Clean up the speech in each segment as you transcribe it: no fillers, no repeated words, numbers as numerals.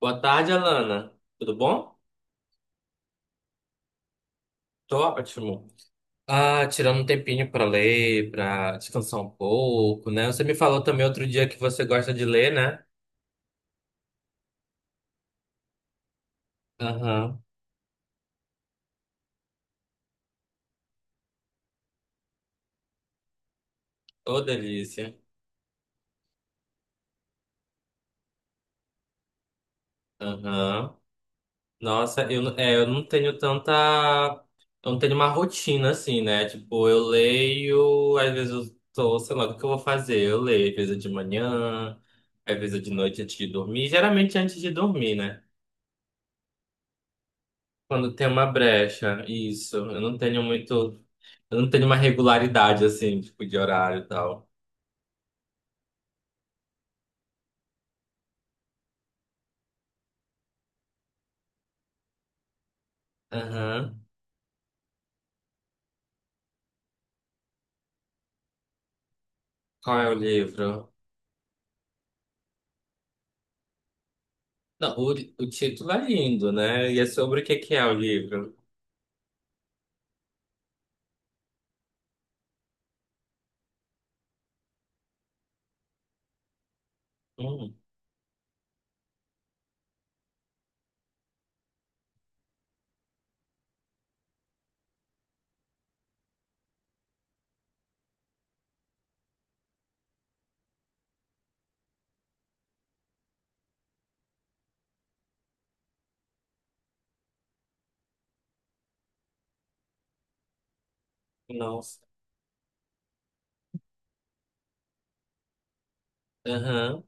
Boa tarde, Alana. Tudo bom? Tô ótimo. Ah, tirando um tempinho pra ler, pra descansar um pouco, né? Você me falou também outro dia que você gosta de ler, né? Aham. Ô, delícia. Aham. Nossa, eu, não- é, eu não tenho tanta. Eu não tenho uma rotina assim, né? Tipo, eu leio, às vezes eu tô, sei lá, o que eu vou fazer? Eu leio, às vezes é de manhã, às vezes é de noite antes de dormir. Geralmente é antes de dormir, né? Quando tem uma brecha, isso. Eu não tenho muito. Eu não tenho uma regularidade, assim, tipo, de horário e tal. Aham. Qual é o livro? Não, o título é lindo, né? E é sobre o que que é o livro? Hum, nossa. Aham.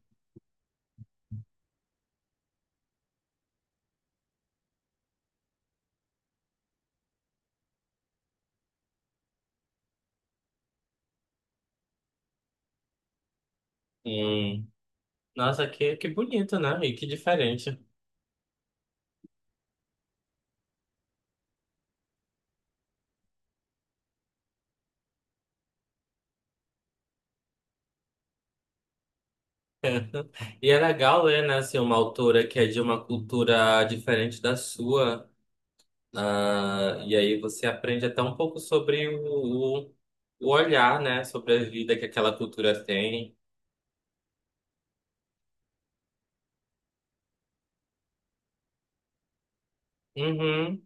Hum. Nossa, que bonito, né? E que diferente. E é legal ler, né, assim, uma autora que é de uma cultura diferente da sua. Ah, e aí você aprende até um pouco sobre o olhar, né? Sobre a vida que aquela cultura tem. Uhum,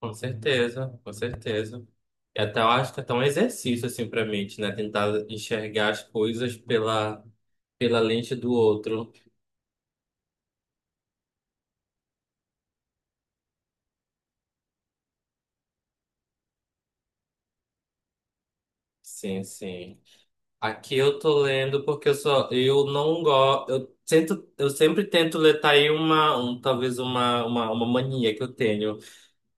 com certeza, com certeza. E até eu acho que é até um exercício, assim, pra mente, né? Tentar enxergar as coisas pela, pela lente do outro. Sim, sim. Aqui eu tô lendo porque eu não gosto, eu tento, eu sempre tento ler tá aí uma, um, talvez uma mania que eu tenho.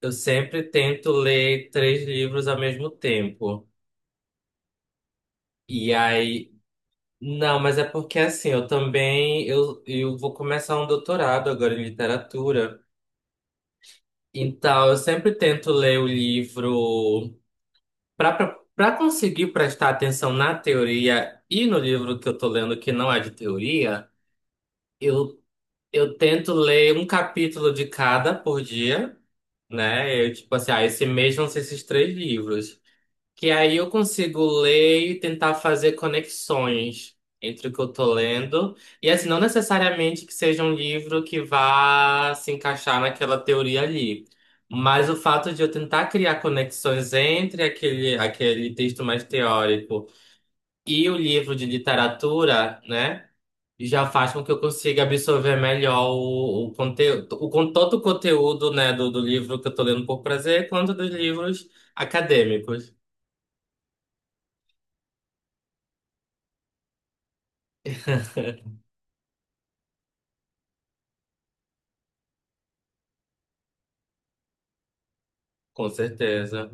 Eu sempre tento ler três livros ao mesmo tempo. E aí. Não, mas é porque assim, eu também. Eu vou começar um doutorado agora em literatura. Então, eu sempre tento ler o livro para conseguir prestar atenção na teoria e no livro que eu tô lendo, que não é de teoria. Eu, eu tento ler um capítulo de cada por dia, né? Eu, tipo assim, ah, esse mês vão ser esses três livros. Que aí eu consigo ler e tentar fazer conexões entre o que eu tô lendo. E assim, não necessariamente que seja um livro que vá se encaixar naquela teoria ali. Mas o fato de eu tentar criar conexões entre aquele texto mais teórico e o livro de literatura, né? Já faz com que eu consiga absorver melhor o conteúdo, todo o conteúdo, né, do livro que eu tô lendo por prazer, quanto dos livros acadêmicos. Com certeza.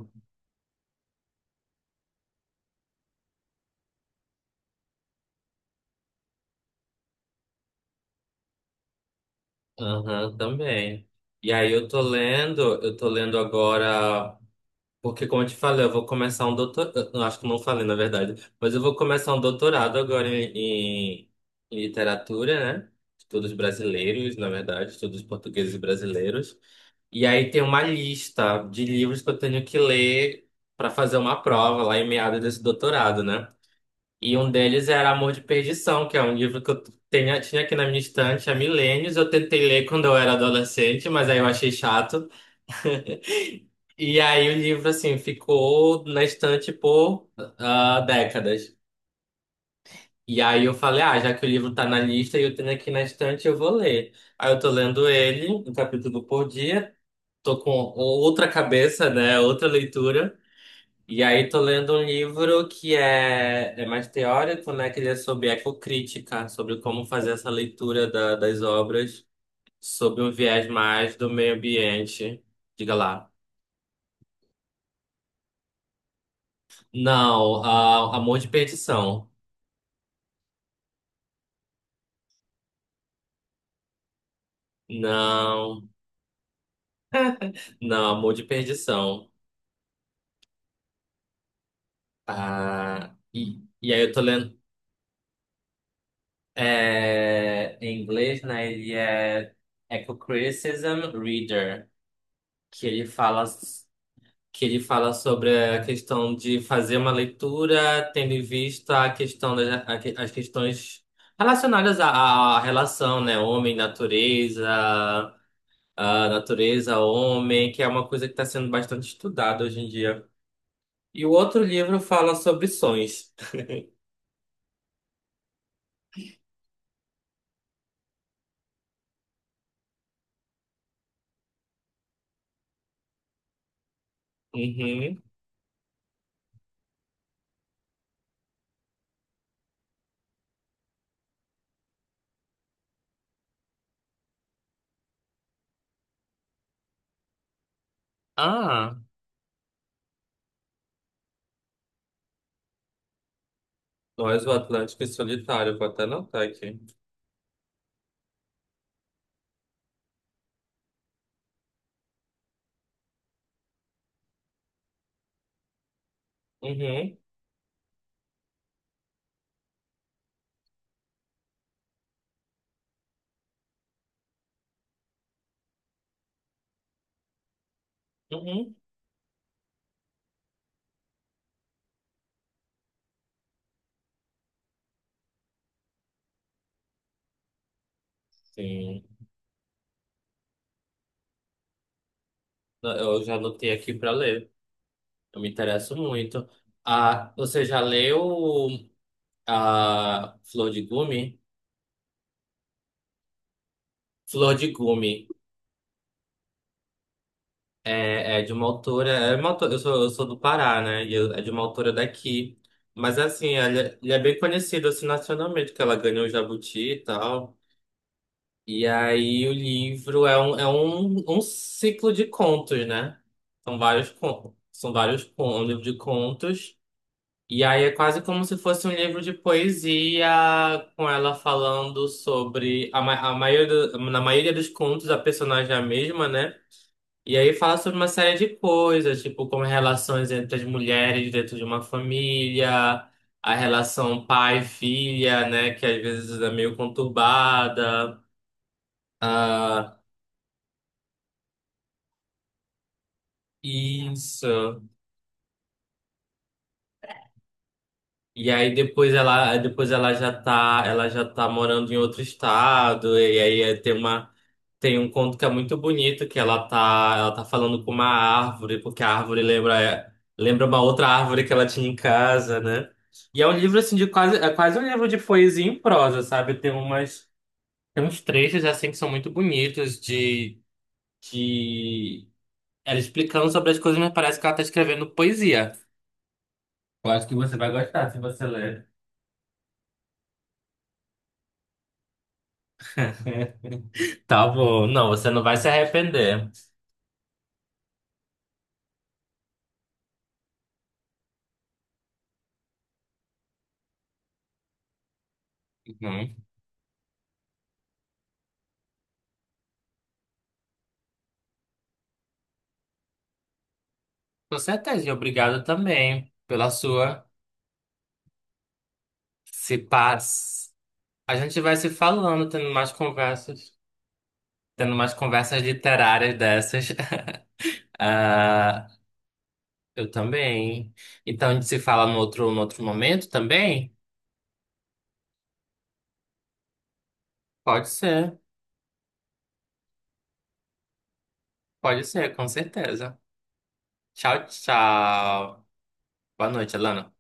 Aham, também. E aí eu tô lendo agora, porque como eu te falei, eu vou começar um doutorado, não acho que não falei na verdade, mas eu vou começar um doutorado agora em, em literatura, né? Estudos brasileiros, na verdade, estudos portugueses e brasileiros. E aí tem uma lista de livros que eu tenho que ler para fazer uma prova lá em meados desse doutorado, né? E um deles era Amor de Perdição, que é um livro que eu tinha aqui na minha estante há milênios. Eu tentei ler quando eu era adolescente, mas aí eu achei chato. E aí o livro, assim, ficou na estante por ah, décadas. E aí eu falei, ah, já que o livro tá na lista e eu tenho aqui na estante, eu vou ler. Aí eu tô lendo ele, um capítulo por dia. Tô com outra cabeça, né? Outra leitura. E aí tô lendo um livro que é mais teórico, né? Que ele é sobre ecocrítica, sobre como fazer essa leitura das obras sob um viés mais do meio ambiente. Diga lá. Não, a Amor de Perdição. Não, não, Amor de Perdição. Ah, e aí eu tô lendo é, em inglês, né? Ele é Eco-Criticism Reader, que ele fala que ele fala sobre a questão de fazer uma leitura tendo em vista a questão as questões relacionadas à relação, né? Homem-natureza, a natureza-homem, que é uma coisa que está sendo bastante estudada hoje em dia. E o outro livro fala sobre sonhos. Uhum. Ah, Nós, o Atlântico e Solitário, vou até anotar aqui. Uhum, uhum. Sim, eu já anotei aqui para ler. Eu me interesso muito. Ah, você já leu a Flor de Gume? Flor de Gume é, é de uma autora. É uma autora eu sou do Pará, né? É de uma autora daqui. Mas assim, ela, ele é bem conhecido assim, nacionalmente, que ela ganhou o Jabuti e tal. E aí o livro é um ciclo de contos, né? São vários contos. São vários contos, um livro de contos. E aí é quase como se fosse um livro de poesia, com ela falando sobre a maioria, na maioria dos contos a personagem é a mesma, né? E aí fala sobre uma série de coisas, tipo como relações entre as mulheres dentro de uma família, a relação pai-filha, né? Que às vezes é meio conturbada. Ah, isso. E aí depois ela já tá morando em outro estado, e aí tem uma Tem um conto que é muito bonito, que ela tá falando com uma árvore, porque a árvore lembra uma outra árvore que ela tinha em casa, né? E é um livro assim de quase, é quase um livro de poesia em prosa, sabe? Tem umas, tem uns trechos assim que são muito bonitos de ela explicando sobre as coisas, mas parece que ela tá escrevendo poesia. Eu acho que você vai gostar se você ler. Tá bom, não, você não vai se arrepender. Uhum. Com certeza, e obrigado também pela sua se paz. A gente vai se falando, tendo mais conversas literárias dessas. Ah, eu também. Então a gente se fala no outro, no outro momento também? Pode ser, pode ser, com certeza. Tchau, tchau. Boa noite, Alana.